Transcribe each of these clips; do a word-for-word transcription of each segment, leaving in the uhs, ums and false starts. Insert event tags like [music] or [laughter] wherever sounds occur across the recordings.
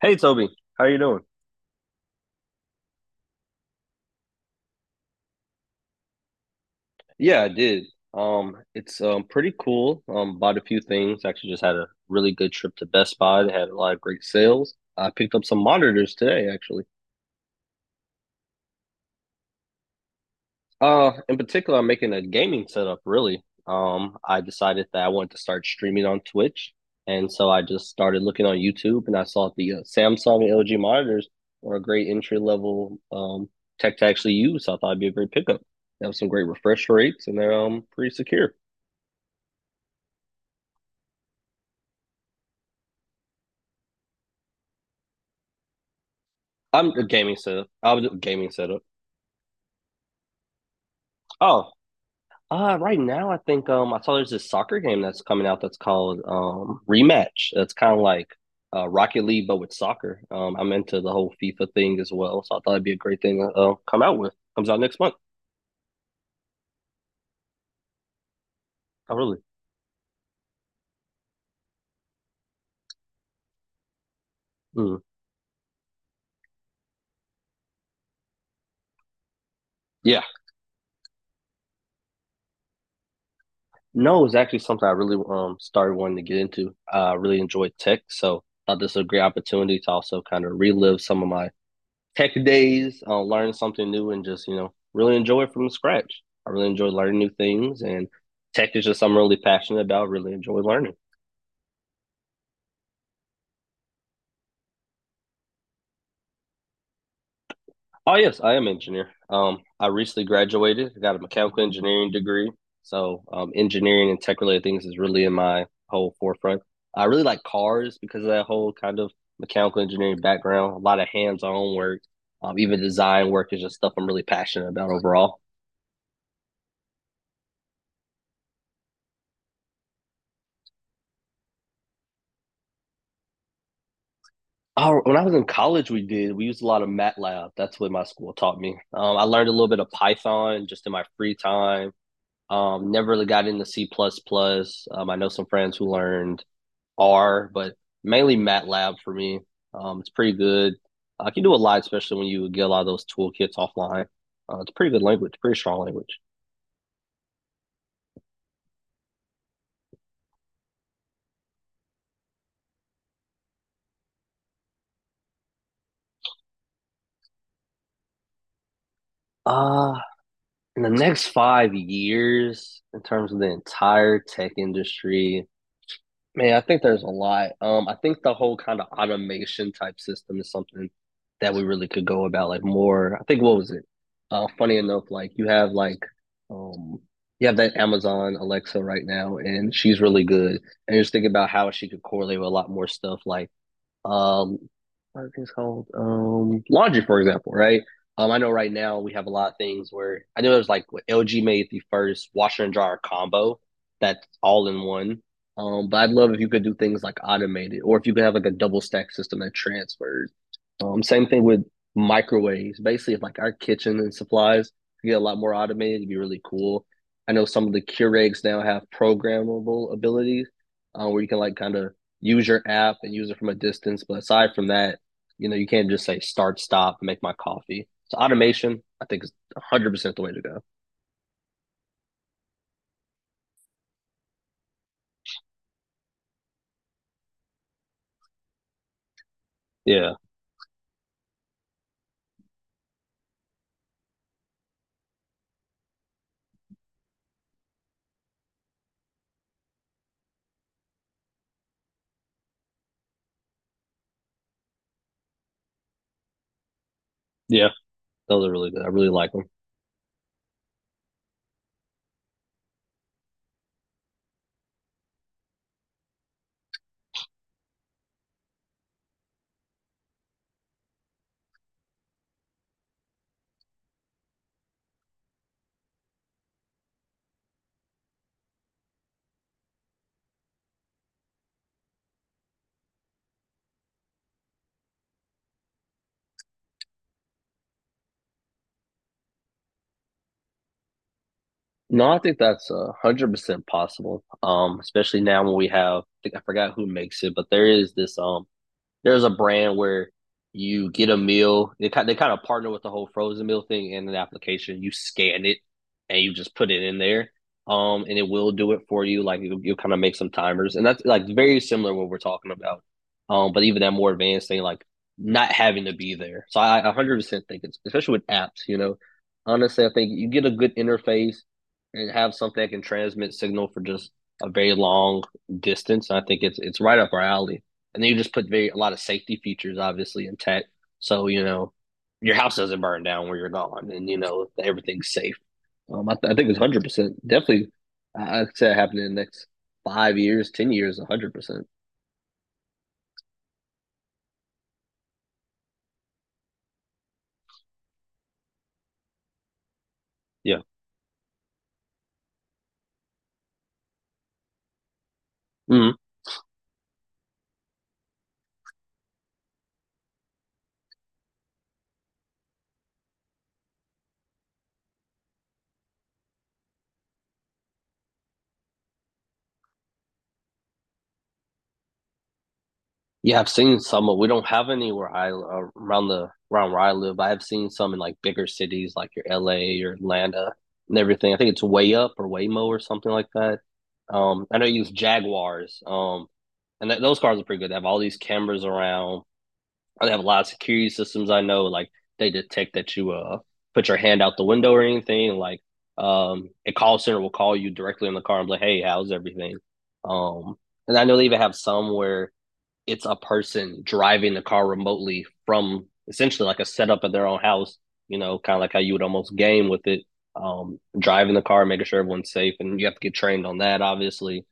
Hey Toby, how you doing? Yeah, I did. Um, it's um pretty cool. Um, bought a few things. Actually, just had a really good trip to Best Buy. They had a lot of great sales. I picked up some monitors today, actually. Uh, in particular, I'm making a gaming setup, really. Um, I decided that I wanted to start streaming on Twitch, and so I just started looking on YouTube, and I saw the uh, Samsung and L G monitors were a great entry level um tech to actually use. So I thought it'd be a great pickup. They have some great refresh rates, and they're um pretty secure. I'm a gaming setup. I was a gaming setup. Oh, uh, right now I think um I saw there's this soccer game that's coming out that's called um Rematch. That's kind of like uh Rocket League but with soccer. Um, I'm into the whole FIFA thing as well, so I thought it'd be a great thing to uh, come out with. Comes out next month. Oh, really? Mm. Yeah. No, it's actually something I really um started wanting to get into. Uh, I really enjoy tech, so I thought this was a great opportunity to also kind of relive some of my tech days, uh, learn something new, and just you know really enjoy it from scratch. I really enjoy learning new things, and tech is just something I'm really passionate about. Really enjoy learning. Oh yes, I am an engineer. Um, I recently graduated. Got a mechanical engineering degree. So um, engineering and tech related things is really in my whole forefront. I really like cars because of that whole kind of mechanical engineering background. A lot of hands on work, um, even design work is just stuff I'm really passionate about overall. Oh, when I was in college, we did. We used a lot of MATLAB. That's what my school taught me. Um, I learned a little bit of Python just in my free time. Um, never really got into C++, plus plus. Um, I know some friends who learned R, but mainly MATLAB for me. Um, it's pretty good. I can do a lot, especially when you get a lot of those toolkits offline. Uh, it's a pretty good language, pretty strong language. Uh, in the next five years, in terms of the entire tech industry, man, I think there's a lot. Um, I think the whole kind of automation type system is something that we really could go about like more. I think what was it? Uh, funny enough, like you have like um you have that Amazon Alexa right now, and she's really good. And just think about how she could correlate with a lot more stuff like um, what are things called? Um, laundry, for example, right? Um, I know right now we have a lot of things where I know there's like what L G made the first washer and dryer combo that's all in one. Um, but I'd love if you could do things like automated, or if you could have like a double stack system that transfers. Um, same thing with microwaves. Basically, if like our kitchen and supplies get a lot more automated, it'd be really cool. I know some of the Keurigs now have programmable abilities uh, where you can like kind of use your app and use it from a distance. But aside from that, you know, you can't just say start, stop, make my coffee. So automation, I think, is one hundred percent the way to go. Yeah. Yeah. Those are really good. I really like them. No, I think that's uh, one hundred percent possible, um, especially now when we have, I, think, I forgot who makes it, but there is this um, there's a brand where you get a meal. They kind they kind of partner with the whole frozen meal thing in an application. You scan it and you just put it in there. Um, and it will do it for you. Like you, you kind of make some timers, and that's like very similar to what we're talking about. Um, but even that more advanced thing, like not having to be there. So I one hundred percent think it's especially with apps. You know, honestly, I think you get a good interface and have something that can transmit signal for just a very long distance. I think it's it's right up our alley, and then you just put very a lot of safety features obviously in tech. So you know your house doesn't burn down where you're gone, and you know everything's safe. Um, I, th- I think it's one hundred percent definitely. I- would say it happened in the next five years, ten years, one hundred percent. Yeah. Mm-hmm. Yeah, I've seen some, but we don't have any where I uh, around the around where I live. I have seen some in like bigger cities, like your L A or Atlanta and everything. I think it's Way Up or Waymo or something like that. Um, I know you use Jaguars. Um, and th those cars are pretty good. They have all these cameras around. They have a lot of security systems. I know, like they detect that you uh put your hand out the window or anything. Like, um, a call center will call you directly in the car and be like, "Hey, how's everything?" Um, and I know they even have some where it's a person driving the car remotely from essentially like a setup of their own house, you know, kind of like how you would almost game with it, um, driving the car, making sure everyone's safe. And you have to get trained on that, obviously.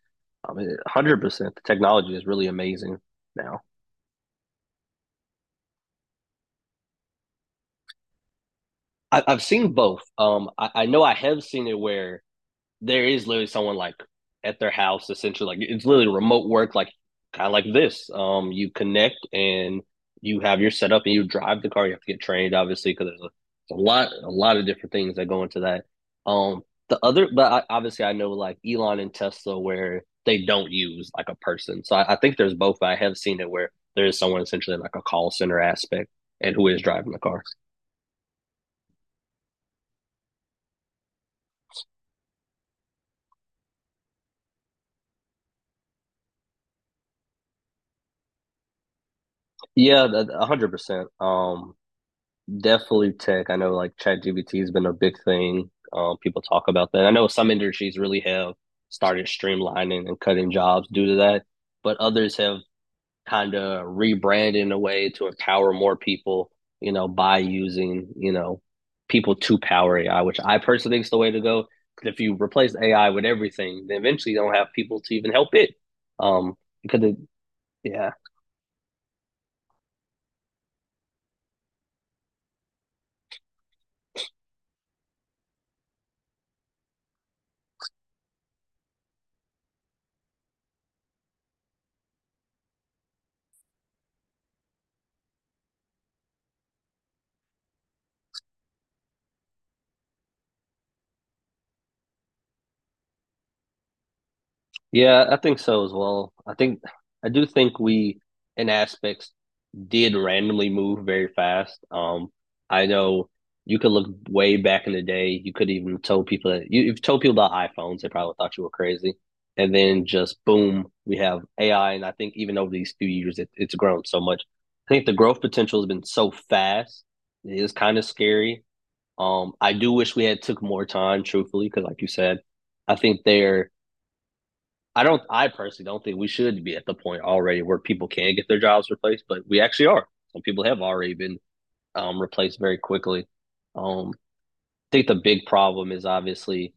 I mean, one hundred percent. The technology is really amazing now. I, have seen both. Um, I, I know I have seen it where there is literally someone like at their house, essentially like it's literally remote work, like kind of like this, um you connect and you have your setup and you drive the car. You have to get trained obviously because there's a, a, lot a lot of different things that go into that, um the other but I, obviously, I know like Elon and Tesla where they don't use like a person. So I, I think there's both. I have seen it where there is someone essentially in like a call center aspect and who is driving the car. Yeah, one hundred percent. um Definitely tech. I know like ChatGPT has been a big thing. Um, people talk about that. I know some industries really have started streamlining and cutting jobs due to that, but others have kind of rebranded in a way to empower more people, you know, by using, you know, people to power A I, which I personally think is the way to go. Because if you replace A I with everything, then eventually you don't have people to even help it. Um, because it, yeah, yeah, I think so as well. I think, I do think we, in aspects, did randomly move very fast. Um, I know you could look way back in the day. You could even told people that you, you've told people about iPhones, they probably thought you were crazy. And then just boom, we have A I. And I think even over these few years, it, it's grown so much. I think the growth potential has been so fast. It is kind of scary. Um, I do wish we had took more time, truthfully, because like you said, I think there. I don't. I personally don't think we should be at the point already where people can get their jobs replaced, but we actually are. Some people have already been um, replaced very quickly. Um, I think the big problem is obviously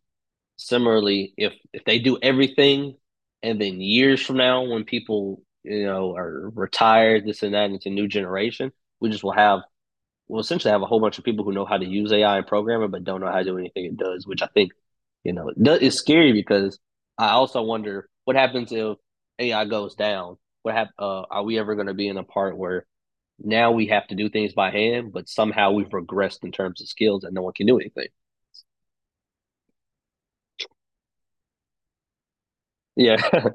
similarly if if they do everything, and then years from now when people you know are retired, this and that, and it's a new generation, we just will have we'll essentially have a whole bunch of people who know how to use A I and program it, but don't know how to do anything it does, which I think, you know, it's scary because I also wonder what happens if A I goes down. What hap- uh, Are we ever going to be in a part where now we have to do things by hand, but somehow we've regressed in terms of skills and no one can do anything? Yeah. [laughs]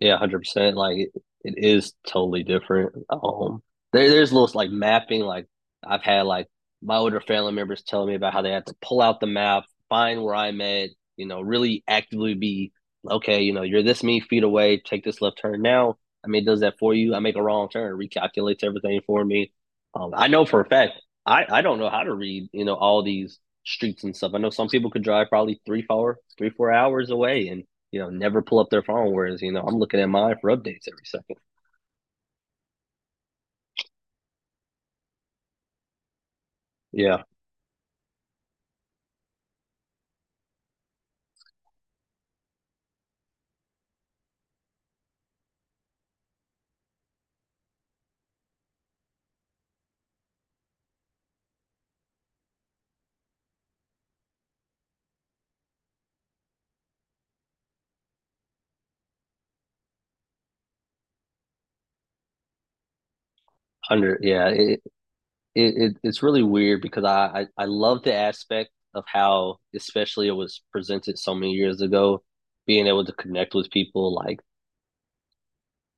Yeah, one hundred percent. Like it, it is totally different. Um, there, there's little like mapping. Like I've had like my older family members telling me about how they had to pull out the map, find where I'm at. You know, really actively be okay. You know, you're this many feet away. Take this left turn now. I mean, it does that for you. I make a wrong turn, recalculates everything for me. Um, I know for a fact. I I don't know how to read. You know, all these streets and stuff. I know some people could drive probably three, four, three, four hours away and you know, never pull up their phone. Whereas, you know, I'm looking at mine for updates every second. Yeah. Under, yeah. It, it, it's really weird because I, I, I love the aspect of how, especially it was presented so many years ago, being able to connect with people, like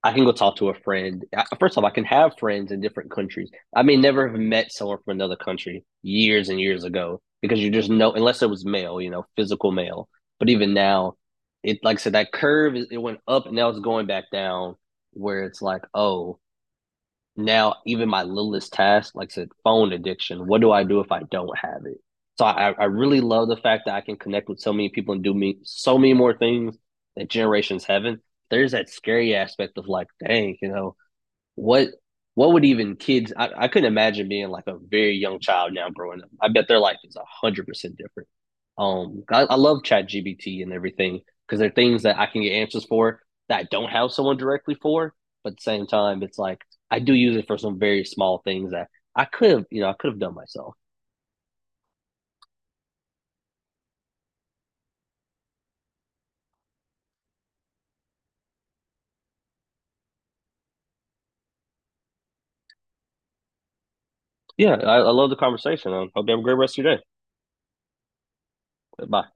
I can go talk to a friend. First off, I can have friends in different countries. I may never have met someone from another country years and years ago because, you just know, unless it was mail, you know, physical mail. But even now, it like I said, that curve is, it went up and now it's going back down, where it's like, oh, now even my littlest task, like I said, phone addiction. What do I do if I don't have it? So I, I really love the fact that I can connect with so many people and do me so many more things that generations haven't. There's that scary aspect of like, dang, you know, what what would even kids, I, I couldn't imagine being like a very young child now growing up. I bet their life is a hundred percent different. Um I, I love ChatGPT and everything because there are things that I can get answers for that I don't have someone directly for, but at the same time it's like I do use it for some very small things that I could have, you know, I could have done myself. Yeah, I, I love the conversation. I hope you have a great rest of your day. Bye.